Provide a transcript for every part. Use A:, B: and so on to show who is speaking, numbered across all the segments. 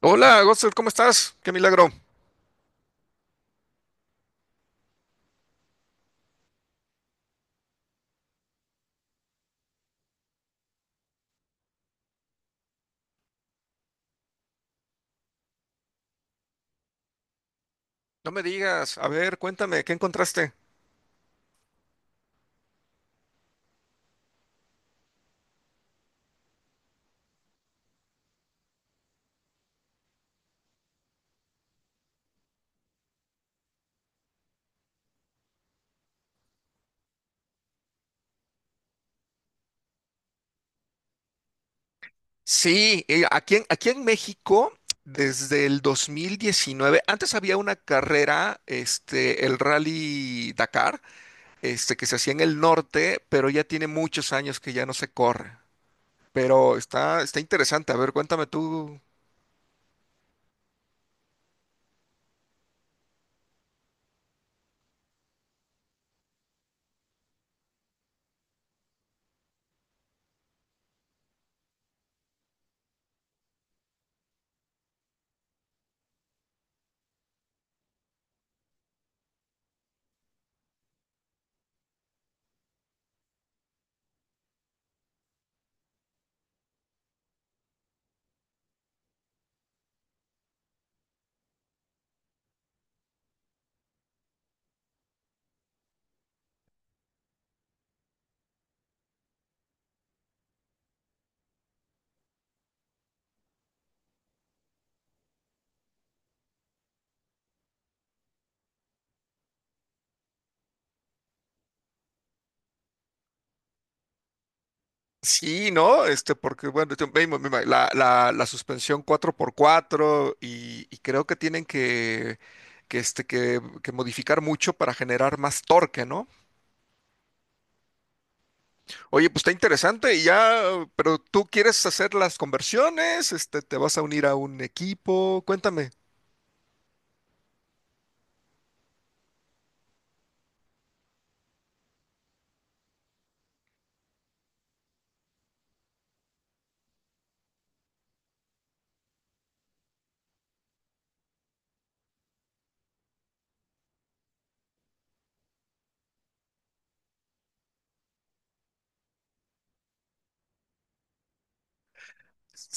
A: Hola, Gossel, ¿cómo estás? Qué milagro. No me digas, a ver, cuéntame, ¿qué encontraste? Sí, aquí en, aquí en México, desde el 2019, antes había una carrera, este, el Rally Dakar, este, que se hacía en el norte, pero ya tiene muchos años que ya no se corre. Pero está interesante, a ver, cuéntame tú. Sí, ¿no? Este, porque, bueno, la suspensión cuatro por cuatro y creo que este, que modificar mucho para generar más torque, ¿no? Oye, pues está interesante y ya, pero tú quieres hacer las conversiones, este, te vas a unir a un equipo, cuéntame.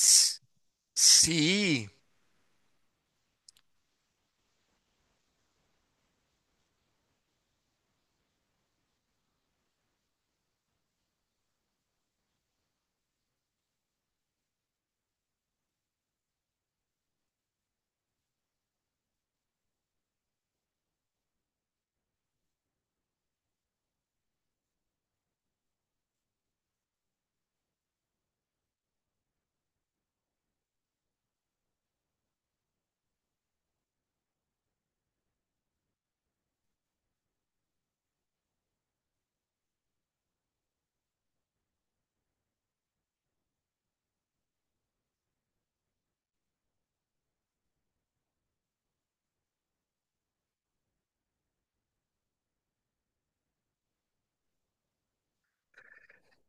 A: S- Sí.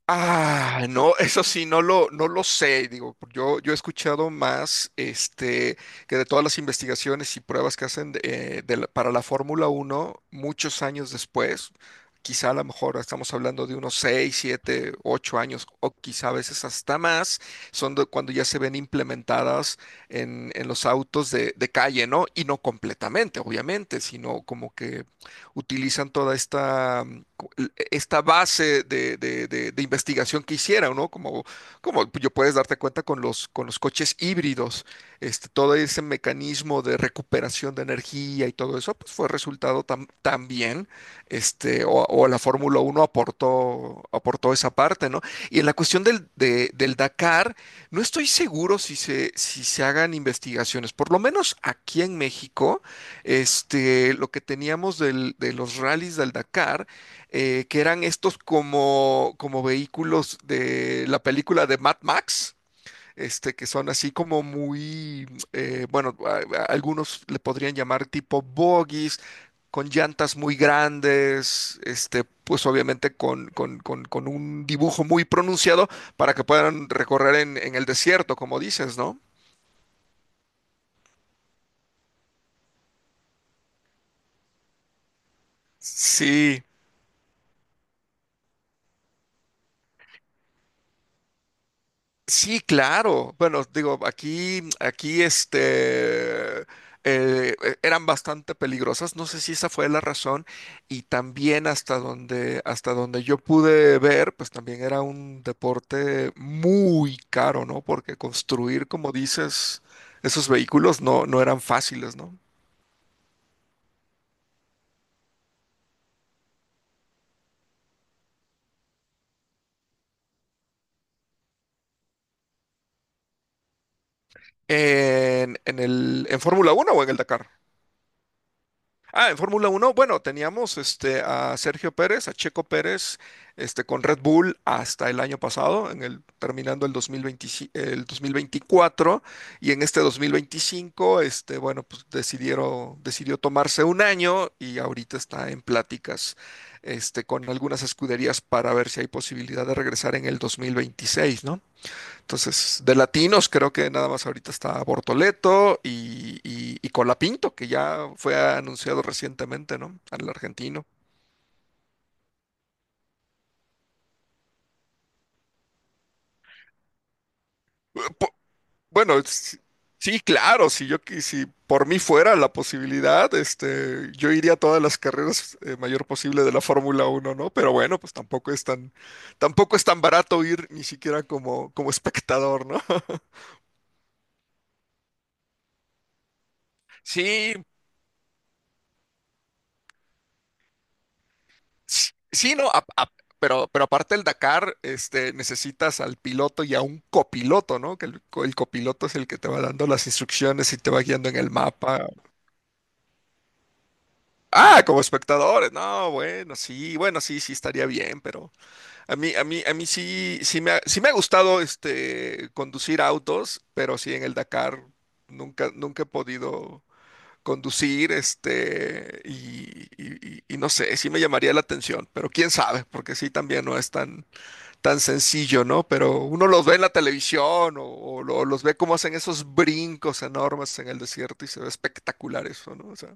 A: Ah, no, no lo sé. Digo, yo he escuchado más este, que de todas las investigaciones y pruebas que hacen para la Fórmula Uno, muchos años después, quizá a lo mejor estamos hablando de unos 6, 7, 8 años, o quizá a veces hasta más, son de cuando ya se ven implementadas en los autos de calle, ¿no? Y no completamente, obviamente, sino como que utilizan toda esta cu- esta base de investigación que hicieron, ¿no? Como, como yo puedes darte cuenta con los coches híbridos, este, todo ese mecanismo de recuperación de energía y todo eso, pues fue resultado también, este, o la Fórmula Uno aportó, aportó esa parte, ¿no? Y en la cuestión del Dakar, no estoy seguro si se, si se hagan investigaciones, por lo menos aquí en México, este, lo que teníamos de los rallies del Dakar, que eran estos como, como vehículos de la película de Mad Max, este, que son así como muy, bueno, algunos le podrían llamar tipo bogies, con llantas muy grandes, este, pues obviamente con, con un dibujo muy pronunciado para que puedan recorrer en el desierto, como dices, ¿no? Sí. Sí, claro. Bueno, digo, aquí, aquí, eh, eran bastante peligrosas. No sé si esa fue la razón. Y también hasta donde yo pude ver, pues también era un deporte muy caro, ¿no? Porque construir, como dices, esos vehículos no eran fáciles, ¿no? En, en Fórmula Uno o en el Dakar. Ah, en Fórmula Uno, bueno, teníamos este, a Sergio Pérez, a Checo Pérez, este, con Red Bull hasta el año pasado, terminando el 2025 el 2024, y en este 2025, este, bueno, pues decidió tomarse un año y ahorita está en pláticas este, con algunas escuderías para ver si hay posibilidad de regresar en el 2026, ¿no? Entonces, de latinos creo que nada más ahorita está Bortoleto y, y Colapinto, que ya fue anunciado recientemente, ¿no? Al argentino. Po- Bueno, sí, claro, si por mí fuera la posibilidad, este, yo iría a todas las carreras mayor posible de la Fórmula Uno, ¿no? Pero bueno, pues tampoco es tan barato ir ni siquiera como, como espectador, ¿no? Sí, sí, no, pero aparte el Dakar, este, necesitas al piloto y a un copiloto, ¿no? Que el copiloto es el que te va dando las instrucciones y te va guiando en el mapa. Ah, como espectadores, no, bueno, sí, bueno, sí, sí estaría bien, pero a mí sí, sí me ha gustado, este, conducir autos, pero sí en el Dakar nunca, nunca he podido conducir, este, y, y no sé, sí me llamaría la atención, pero quién sabe, porque sí también no es tan tan sencillo, ¿no? Pero uno los ve en la televisión o los ve cómo hacen esos brincos enormes en el desierto y se ve espectacular eso, ¿no? O sea,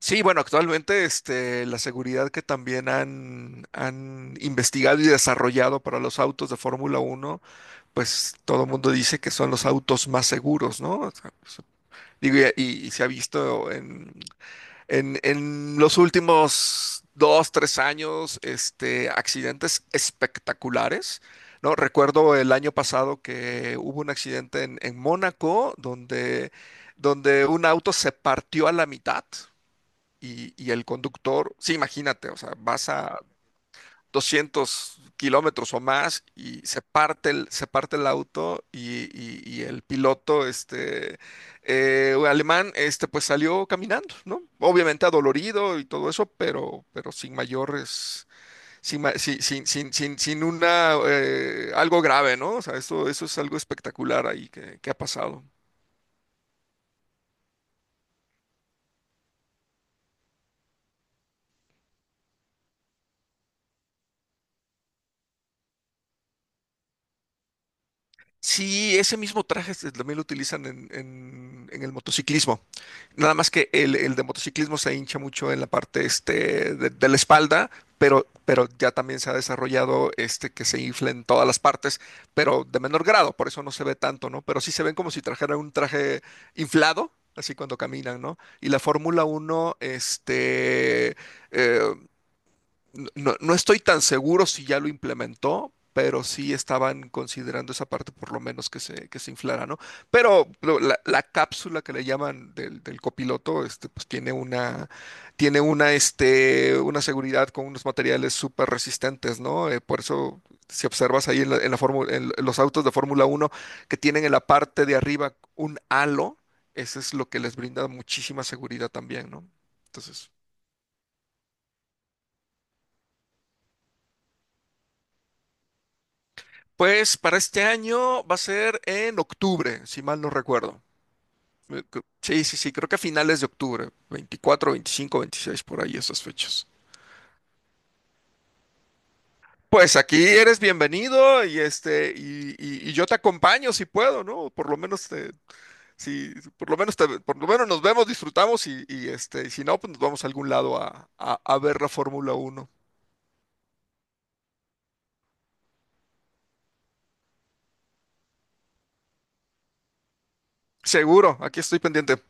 A: sí, bueno, actualmente este, la seguridad que también han, han investigado y desarrollado para los autos de Fórmula Uno, pues todo el mundo dice que son los autos más seguros, ¿no? O sea, pues, digo, y se ha visto en los últimos dos, tres años, este, accidentes espectaculares, ¿no? Recuerdo el año pasado que hubo un accidente en Mónaco donde, donde un auto se partió a la mitad y el conductor, sí, imagínate, o sea, vas a 200 kilómetros o más y se parte el auto y, y el piloto este, alemán este, pues salió caminando, ¿no? Obviamente adolorido y todo eso, pero sin mayores, sin, ma- sin, sin, sin, sin- sin una, algo grave, ¿no? O sea, eso es algo espectacular ahí que ha pasado. Sí, ese mismo traje también lo utilizan en, en el motociclismo. Nada más que el de motociclismo se hincha mucho en la parte este, de la espalda, pero ya también se ha desarrollado este que se infla en todas las partes, pero de menor grado, por eso no se ve tanto, ¿no? Pero sí se ven como si trajeran un traje inflado, así cuando caminan, ¿no? Y la Fórmula Uno, este, eh, no, no estoy tan seguro si ya lo implementó, pero sí estaban considerando esa parte por lo menos que se inflara, ¿no? Pero la, la cápsula que le llaman del, del copiloto, este, pues tiene una, este, una seguridad con unos materiales súper resistentes, ¿no? Por eso, si observas ahí en, en los autos de Fórmula Uno que tienen en la parte de arriba un halo, eso es lo que les brinda muchísima seguridad también, ¿no? Entonces... Pues para este año va a ser en octubre, si mal no recuerdo. Sí, sí, sí, creo que a finales de octubre, veinticuatro, 25, 26 por ahí esas fechas. Pues aquí eres bienvenido y este y, y yo te acompaño si puedo, ¿no? Por lo menos te, si, por lo menos por lo menos nos vemos, disfrutamos y, este, y si no, pues nos vamos a algún lado a ver la Fórmula Uno. Seguro, aquí estoy pendiente.